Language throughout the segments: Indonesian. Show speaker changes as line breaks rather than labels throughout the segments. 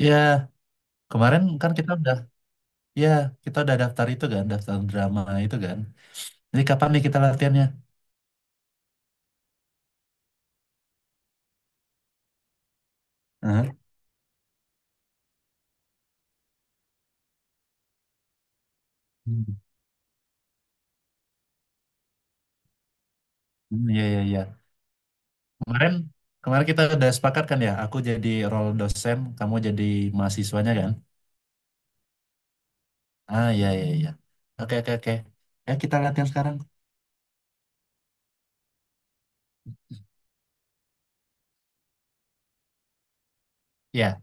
Iya, kemarin kan ya kita udah daftar itu kan, daftar drama itu kan. Jadi kapan nih kita latihannya? Hah? Hmm, hmm, iya, iya, iya. Kemarin, kemarin kita udah sepakat kan ya, aku jadi role dosen, kamu jadi mahasiswanya kan? Ah, iya, iya, iya. Oke, oke, oke. Ya, kita latihan sekarang. Ya,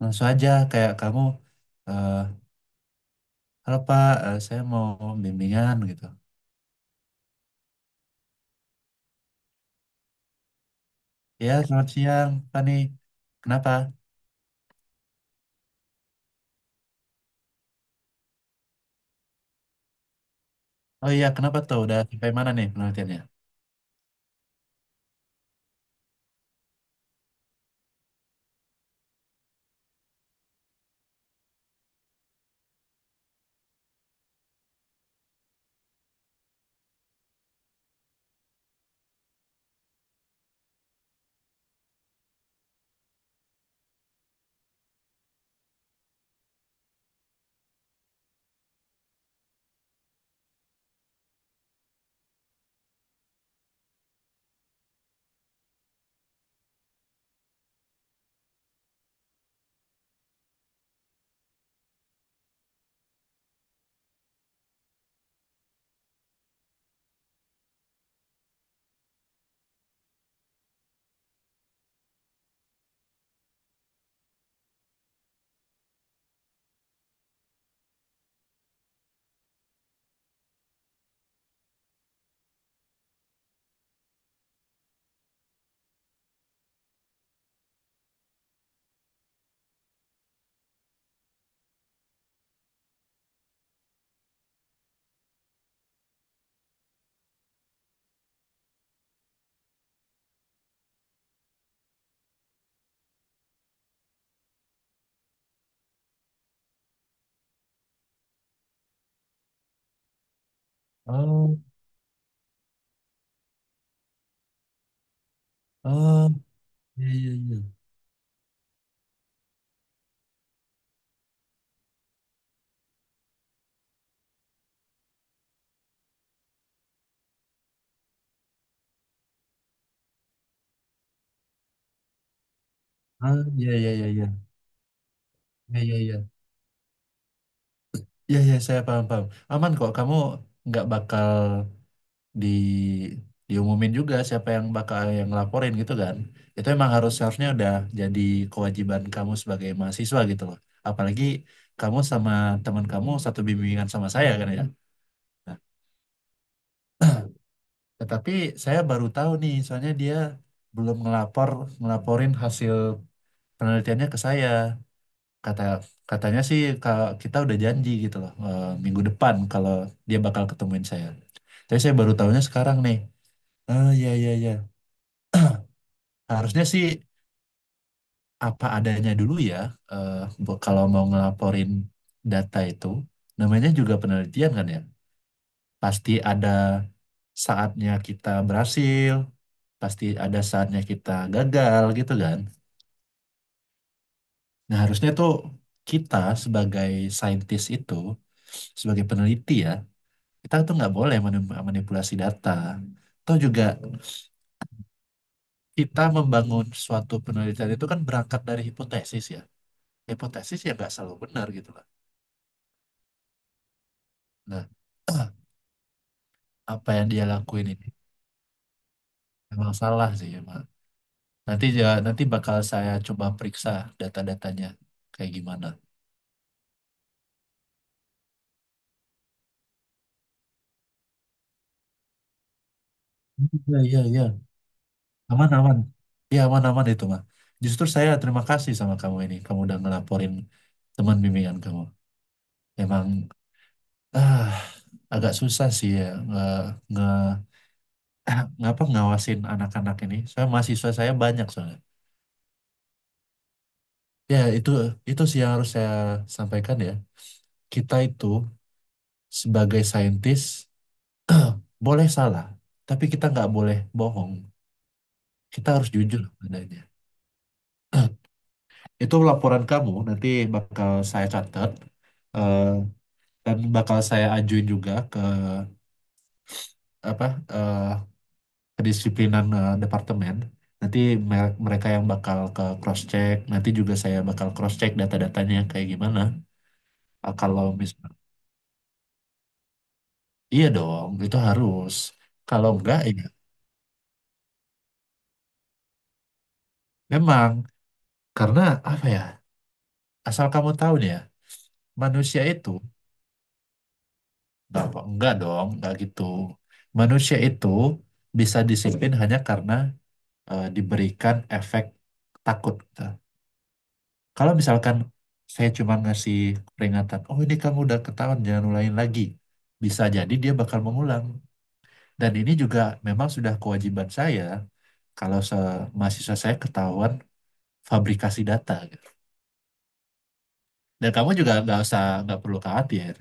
langsung aja kayak kamu, eh halo Pak, saya mau bimbingan gitu. Ya, selamat siang, Pak nih. Kenapa? Oh, iya, kenapa tuh? Udah sampai mana nih penelitiannya? Oh. Oh, iya, iya, iya. Ah, iya, iya, iya, iya. Iya, iya, iya. Iya, iya, saya paham paham. Aman kok, kamu nggak bakal di diumumin juga siapa yang bakal yang laporin gitu kan. Itu emang seharusnya udah jadi kewajiban kamu sebagai mahasiswa gitu loh. Apalagi kamu sama teman kamu satu bimbingan sama saya kan ya. Nah, tetapi saya baru tahu nih, soalnya dia belum ngelaporin hasil penelitiannya ke saya. kata katanya sih kita udah janji gitu loh, minggu depan kalau dia bakal ketemuin saya. Tapi saya baru tahunya sekarang nih. Oh, iya, iya, iya. Harusnya sih apa adanya dulu ya. eh, Kalau mau ngelaporin data itu, namanya juga penelitian kan ya. Pasti ada saatnya kita berhasil, pasti ada saatnya kita gagal gitu kan. Nah, harusnya tuh kita sebagai saintis itu, sebagai peneliti ya, kita tuh nggak boleh manipulasi data. Atau juga kita membangun suatu penelitian itu kan berangkat dari hipotesis ya. Hipotesis ya nggak selalu benar gitu lah. Nah, apa yang dia lakuin ini emang salah sih emang. Nanti ya, nanti bakal saya coba periksa data-datanya kayak gimana. Iya, iya, iya. Aman, aman. Iya, aman, aman itu mah. Justru saya terima kasih sama kamu ini. Kamu udah ngelaporin teman bimbingan kamu. Emang ah, agak susah sih ya nge, nge ngawasin anak-anak ini. Saya mahasiswa saya banyak soalnya. Ya itu sih yang harus saya sampaikan ya. Kita itu sebagai saintis boleh salah, tapi kita nggak boleh bohong. Kita harus jujur adanya. Itu laporan kamu nanti bakal saya catat, eh, dan bakal saya ajuin juga ke apa eh, kedisiplinan, departemen. Nanti mereka yang bakal ke cross check, nanti juga saya bakal cross check data-datanya kayak gimana. Ah, kalau misal, iya dong, itu harus. Kalau enggak, ya memang. Karena apa ya, asal kamu tahu nih ya, manusia itu, enggak, enggak dong, enggak gitu. Manusia itu bisa disiplin hanya karena diberikan efek takut gitu. Kalau misalkan saya cuma ngasih peringatan, oh ini kamu udah ketahuan, jangan ulangin lagi. Bisa jadi dia bakal mengulang. Dan ini juga memang sudah kewajiban saya, kalau mahasiswa saya ketahuan fabrikasi data gitu. Dan kamu juga nggak usah nggak perlu khawatir.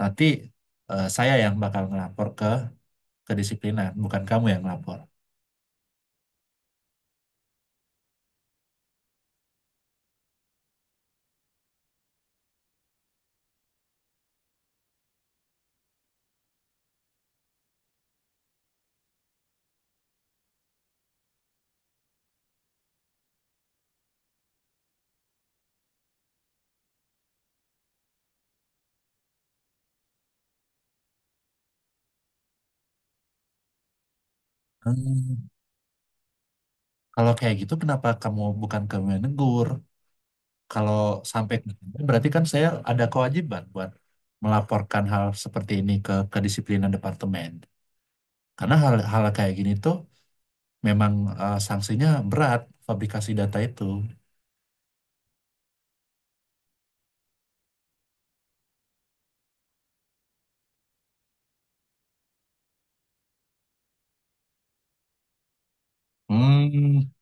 Nanti saya yang bakal ngelapor ke kedisiplinan, bukan kamu yang ngelapor. Hmm. Kalau kayak gitu, kenapa bukan kamu yang negur? Kalau sampai berarti kan saya ada kewajiban buat melaporkan hal seperti ini ke kedisiplinan departemen. Karena hal-hal kayak gini tuh memang, sanksinya berat fabrikasi data itu. Hmm.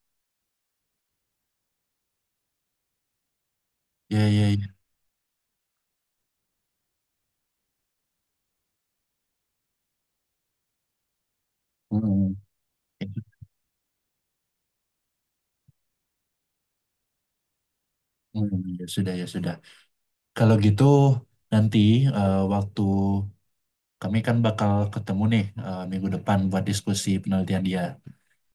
Ya, ya, ya. Hmm. Ya, hmm. Ya sudah, ya sudah. Kalau gitu nanti, waktu kami kan bakal ketemu nih, minggu depan buat diskusi penelitian dia.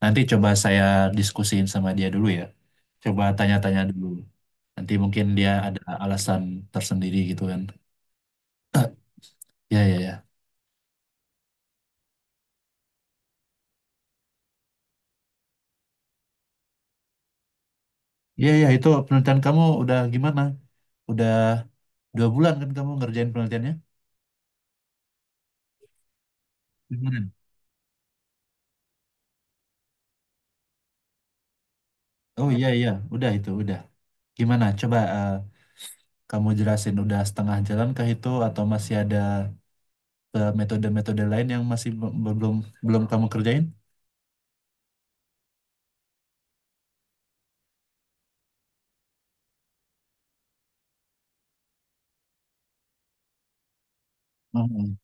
Nanti coba saya diskusiin sama dia dulu ya. Coba tanya-tanya dulu. Nanti mungkin dia ada alasan tersendiri gitu kan. Ya, ya, ya. Ya, ya itu penelitian kamu udah gimana? Udah 2 bulan kan kamu ngerjain penelitiannya? Gimana? Oh, iya, iya, udah, itu udah. Gimana? Coba kamu jelasin udah setengah jalan kah itu atau masih ada, metode-metode lain yang masih be- belum belum kamu kerjain? Mhm.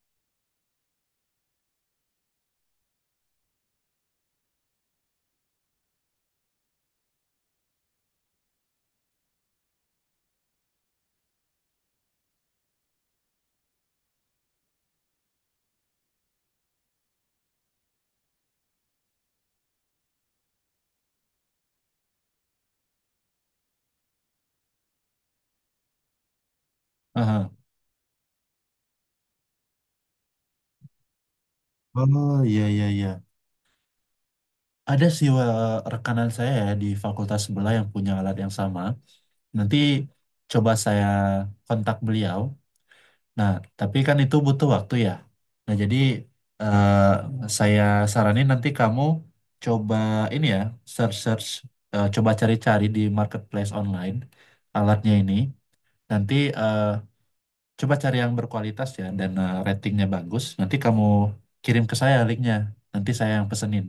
Aha. Oh, iya, iya, iya. Ada sih rekanan saya ya di fakultas sebelah yang punya alat yang sama. Nanti coba saya kontak beliau. Nah, tapi kan itu butuh waktu ya. Nah, jadi, eh, saya saranin nanti kamu coba ini ya, search search, coba cari-cari di marketplace online alatnya ini. Nanti, eh, coba cari yang berkualitas ya dan ratingnya bagus. Nanti kamu kirim ke saya linknya. Nanti saya yang pesenin.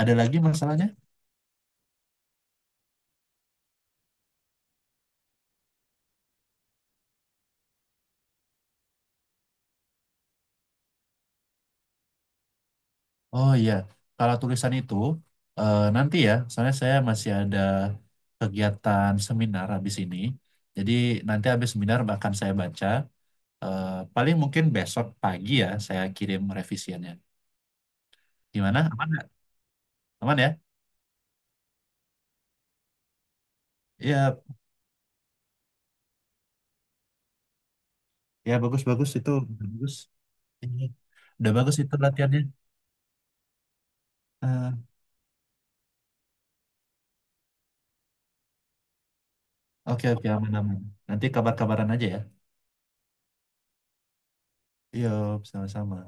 Ada lagi masalahnya? Oh, iya, kalau tulisan itu, nanti ya, soalnya saya masih ada kegiatan seminar habis ini. Jadi nanti habis seminar bahkan saya baca. Paling mungkin besok pagi ya saya kirim revisiannya. Gimana? Aman nggak? Aman ya? Iya, ya bagus-bagus itu bagus. Ini udah bagus itu latihannya. Oke, oke, aman, aman. Nanti kabar-kabaran aja ya. Yuk, sama-sama.